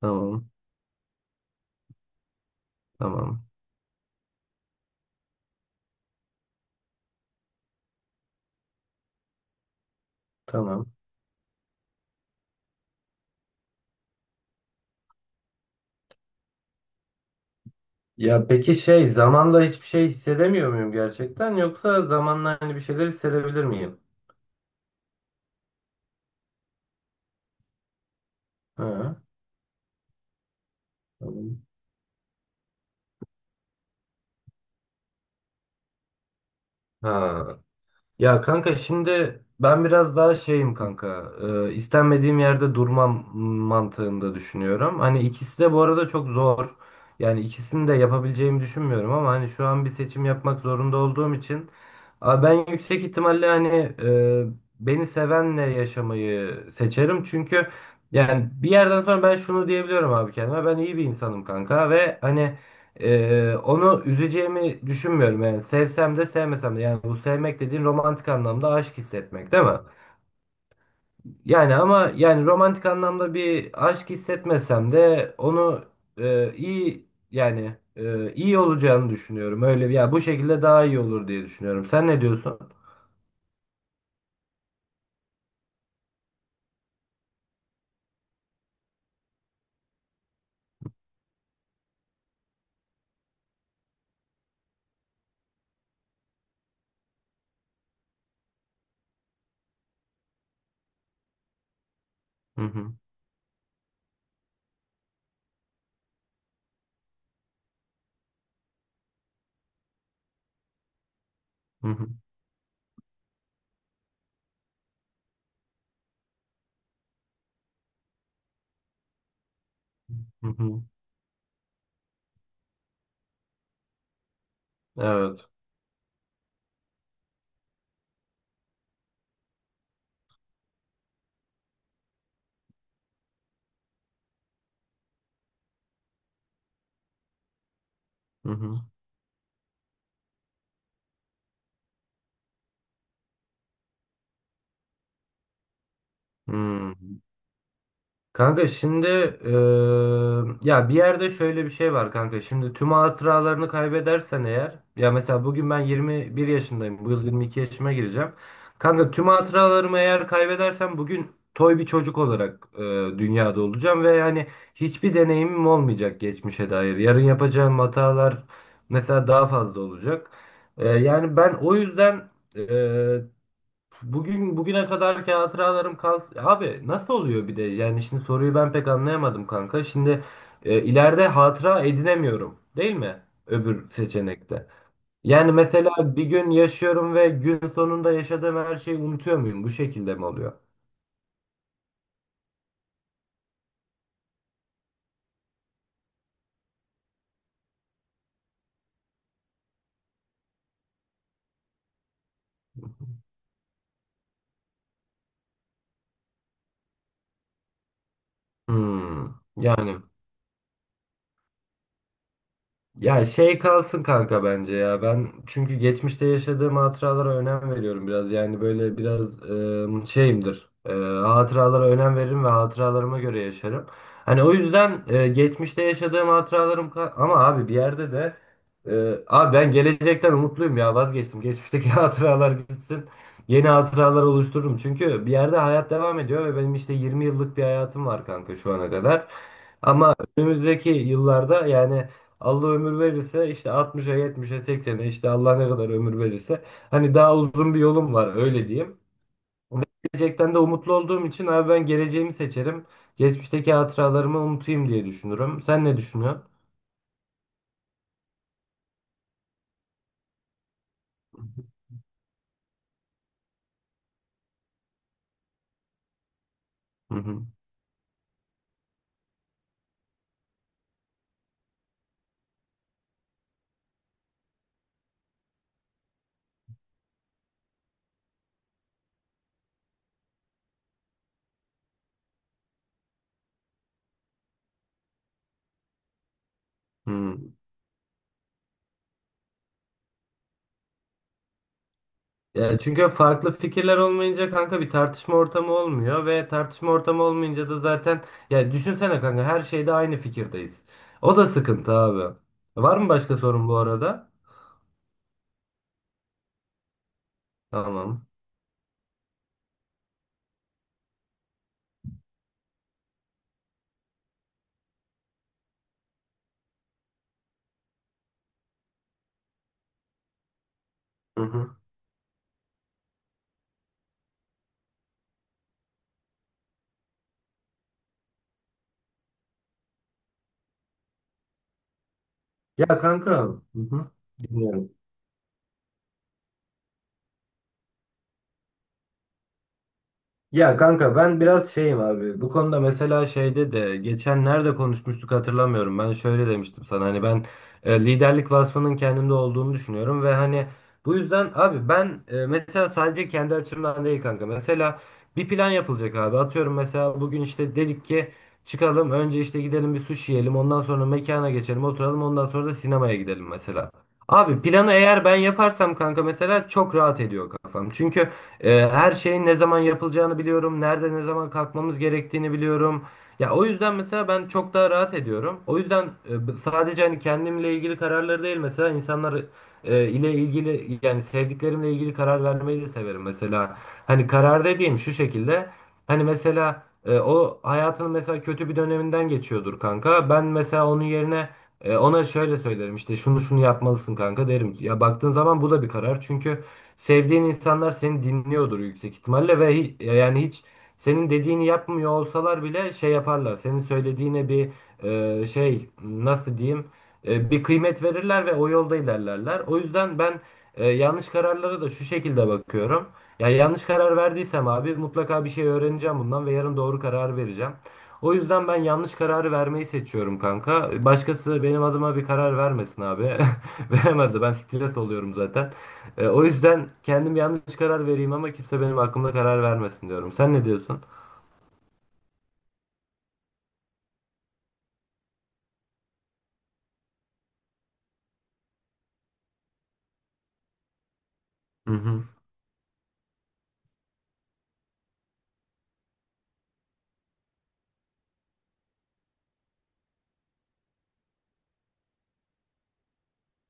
Tamam, tamam, tamam. Ya peki zamanla hiçbir şey hissedemiyor muyum gerçekten yoksa zamanla hani bir şeyler hissedebilir miyim? Ha, tamam. Ha, Ya kanka şimdi ben biraz daha şeyim kanka. İstenmediğim yerde durmam mantığında düşünüyorum. Hani ikisi de bu arada çok zor. Yani ikisini de yapabileceğimi düşünmüyorum ama hani şu an bir seçim yapmak zorunda olduğum için ben yüksek ihtimalle e, beni sevenle yaşamayı seçerim. Çünkü yani bir yerden sonra ben şunu diyebiliyorum abi kendime. Ben iyi bir insanım kanka ve onu üzeceğimi düşünmüyorum yani sevsem de sevmesem de. Yani bu sevmek dediğin romantik anlamda aşk hissetmek, değil mi? Yani ama yani romantik anlamda bir aşk hissetmesem de onu iyi, iyi olacağını düşünüyorum. Ya bu şekilde daha iyi olur diye düşünüyorum, sen ne diyorsun? Hı hı, hı hı, hı hı. Evet. Hı hı. Hmm. Kanka şimdi, eee, ya bir yerde şöyle bir şey var kanka. Şimdi tüm hatıralarını kaybedersen eğer, ya mesela bugün ben 21 yaşındayım. Bu yıl 22 yaşıma gireceğim. Kanka tüm hatıralarımı eğer kaybedersem bugün toy bir çocuk olarak dünyada olacağım ve yani hiçbir deneyimim olmayacak geçmişe dair. Yarın yapacağım hatalar mesela daha fazla olacak. Yani ben o yüzden Bugün bugüne kadarki hatıralarım kalsın. Abi nasıl oluyor bir de? Yani şimdi soruyu ben pek anlayamadım kanka. Şimdi ileride hatıra edinemiyorum, değil mi? Öbür seçenekte. Yani mesela bir gün yaşıyorum ve gün sonunda yaşadığım her şeyi unutuyor muyum? Bu şekilde mi oluyor? Hmm, yani. Ya şey kalsın kanka bence ya. Ben çünkü geçmişte yaşadığım hatıralara önem veriyorum biraz. Yani böyle biraz şeyimdir. Hatıralara önem veririm ve hatıralarıma göre yaşarım. Hani o yüzden geçmişte yaşadığım ama abi bir yerde de, abi ben gelecekten umutluyum, ya vazgeçtim. Geçmişteki hatıralar gitsin. Yeni hatıralar oluştururum. Çünkü bir yerde hayat devam ediyor ve benim işte 20 yıllık bir hayatım var kanka şu ana kadar. Ama önümüzdeki yıllarda yani Allah ömür verirse işte 60'a 70'e 80'e, işte Allah ne kadar ömür verirse, hani daha uzun bir yolum var öyle diyeyim. Ve gelecekten de umutlu olduğum için abi ben geleceğimi seçerim. Geçmişteki hatıralarımı unutayım diye düşünürüm. Sen ne düşünüyorsun? Hı hı. Hı. Ya çünkü farklı fikirler olmayınca kanka bir tartışma ortamı olmuyor ve tartışma ortamı olmayınca da zaten, ya düşünsene kanka her şeyde aynı fikirdeyiz. O da sıkıntı abi. Var mı başka sorun bu arada? Tamam. Hı hı. Ya kanka, hı hı. Dinliyorum. Ya kanka ben biraz şeyim abi. Bu konuda mesela şeyde de geçen nerede konuşmuştuk hatırlamıyorum. Ben şöyle demiştim sana, hani ben liderlik vasfının kendimde olduğunu düşünüyorum ve hani bu yüzden abi ben, mesela sadece kendi açımdan değil kanka. Mesela bir plan yapılacak abi. Atıyorum mesela bugün işte dedik ki çıkalım, önce işte gidelim bir sushi yiyelim. Ondan sonra mekana geçelim oturalım. Ondan sonra da sinemaya gidelim mesela. Abi planı eğer ben yaparsam kanka mesela çok rahat ediyor kafam. Çünkü her şeyin ne zaman yapılacağını biliyorum. Nerede ne zaman kalkmamız gerektiğini biliyorum. Ya o yüzden mesela ben çok daha rahat ediyorum. O yüzden sadece hani kendimle ilgili kararları değil, mesela insanlar ile ilgili, yani sevdiklerimle ilgili karar vermeyi de severim mesela. Hani karar dediğim şu şekilde. Hani mesela o hayatının mesela kötü bir döneminden geçiyordur kanka. Ben mesela onun yerine ona şöyle söylerim, işte şunu şunu yapmalısın kanka derim. Ya baktığın zaman bu da bir karar. Çünkü sevdiğin insanlar seni dinliyordur yüksek ihtimalle ve yani hiç senin dediğini yapmıyor olsalar bile şey yaparlar. Senin söylediğine bir, e, şey nasıl diyeyim bir kıymet verirler ve o yolda ilerlerler. O yüzden ben yanlış kararlara da şu şekilde bakıyorum. Ya yanlış karar verdiysem abi mutlaka bir şey öğreneceğim bundan ve yarın doğru karar vereceğim. O yüzden ben yanlış kararı vermeyi seçiyorum kanka. Başkası benim adıma bir karar vermesin abi. Veremez de, ben stres oluyorum zaten. O yüzden kendim yanlış karar vereyim ama kimse benim hakkımda karar vermesin diyorum. Sen ne diyorsun? Hı hı.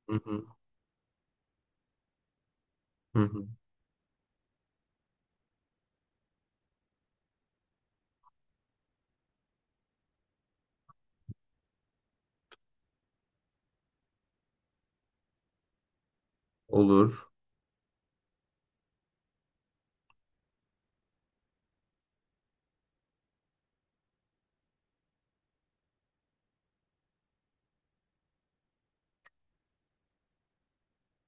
Hı hı. Hı hı. Olur.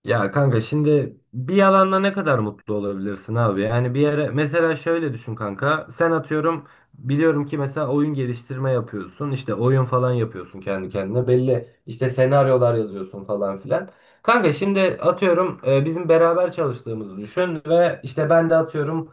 Ya kanka şimdi bir yalanla ne kadar mutlu olabilirsin abi? Yani bir yere mesela şöyle düşün kanka. Sen atıyorum biliyorum ki mesela oyun geliştirme yapıyorsun, işte oyun falan yapıyorsun kendi kendine. Belli işte senaryolar yazıyorsun falan filan. Kanka şimdi atıyorum bizim beraber çalıştığımızı düşün ve işte ben de atıyorum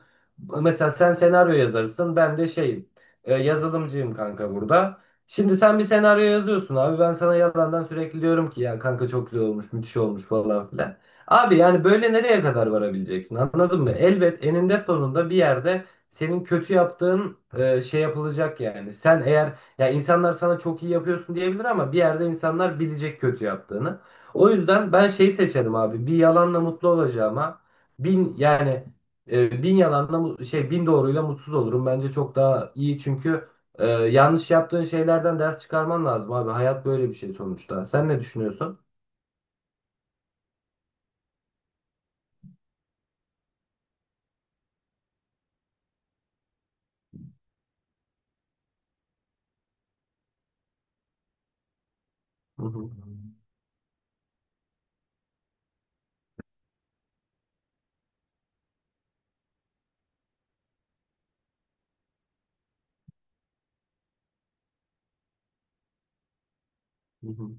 mesela sen senaryo yazarsın, ben de şeyim, yazılımcıyım kanka burada. Şimdi sen bir senaryo yazıyorsun abi. Ben sana yalandan sürekli diyorum ki ya kanka çok güzel olmuş, müthiş olmuş falan filan. Abi yani böyle nereye kadar varabileceksin? Anladın mı? Elbet eninde sonunda bir yerde senin kötü yaptığın şey yapılacak yani. Sen, eğer ya insanlar sana çok iyi yapıyorsun diyebilir ama bir yerde insanlar bilecek kötü yaptığını. O yüzden ben şeyi seçerim abi. Bir yalanla mutlu olacağıma bin yani e, bin yalanla mu- şey bin doğruyla mutsuz olurum. Bence çok daha iyi, çünkü yanlış yaptığın şeylerden ders çıkarman lazım abi. Hayat böyle bir şey sonuçta. Sen ne düşünüyorsun? Hı hı. Hı hı.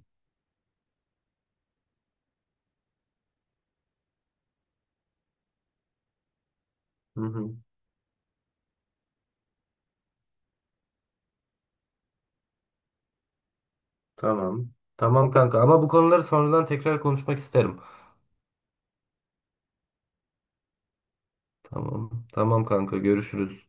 Hı hı. Tamam. Tamam kanka, ama bu konuları sonradan tekrar konuşmak isterim. Tamam. Tamam kanka, görüşürüz.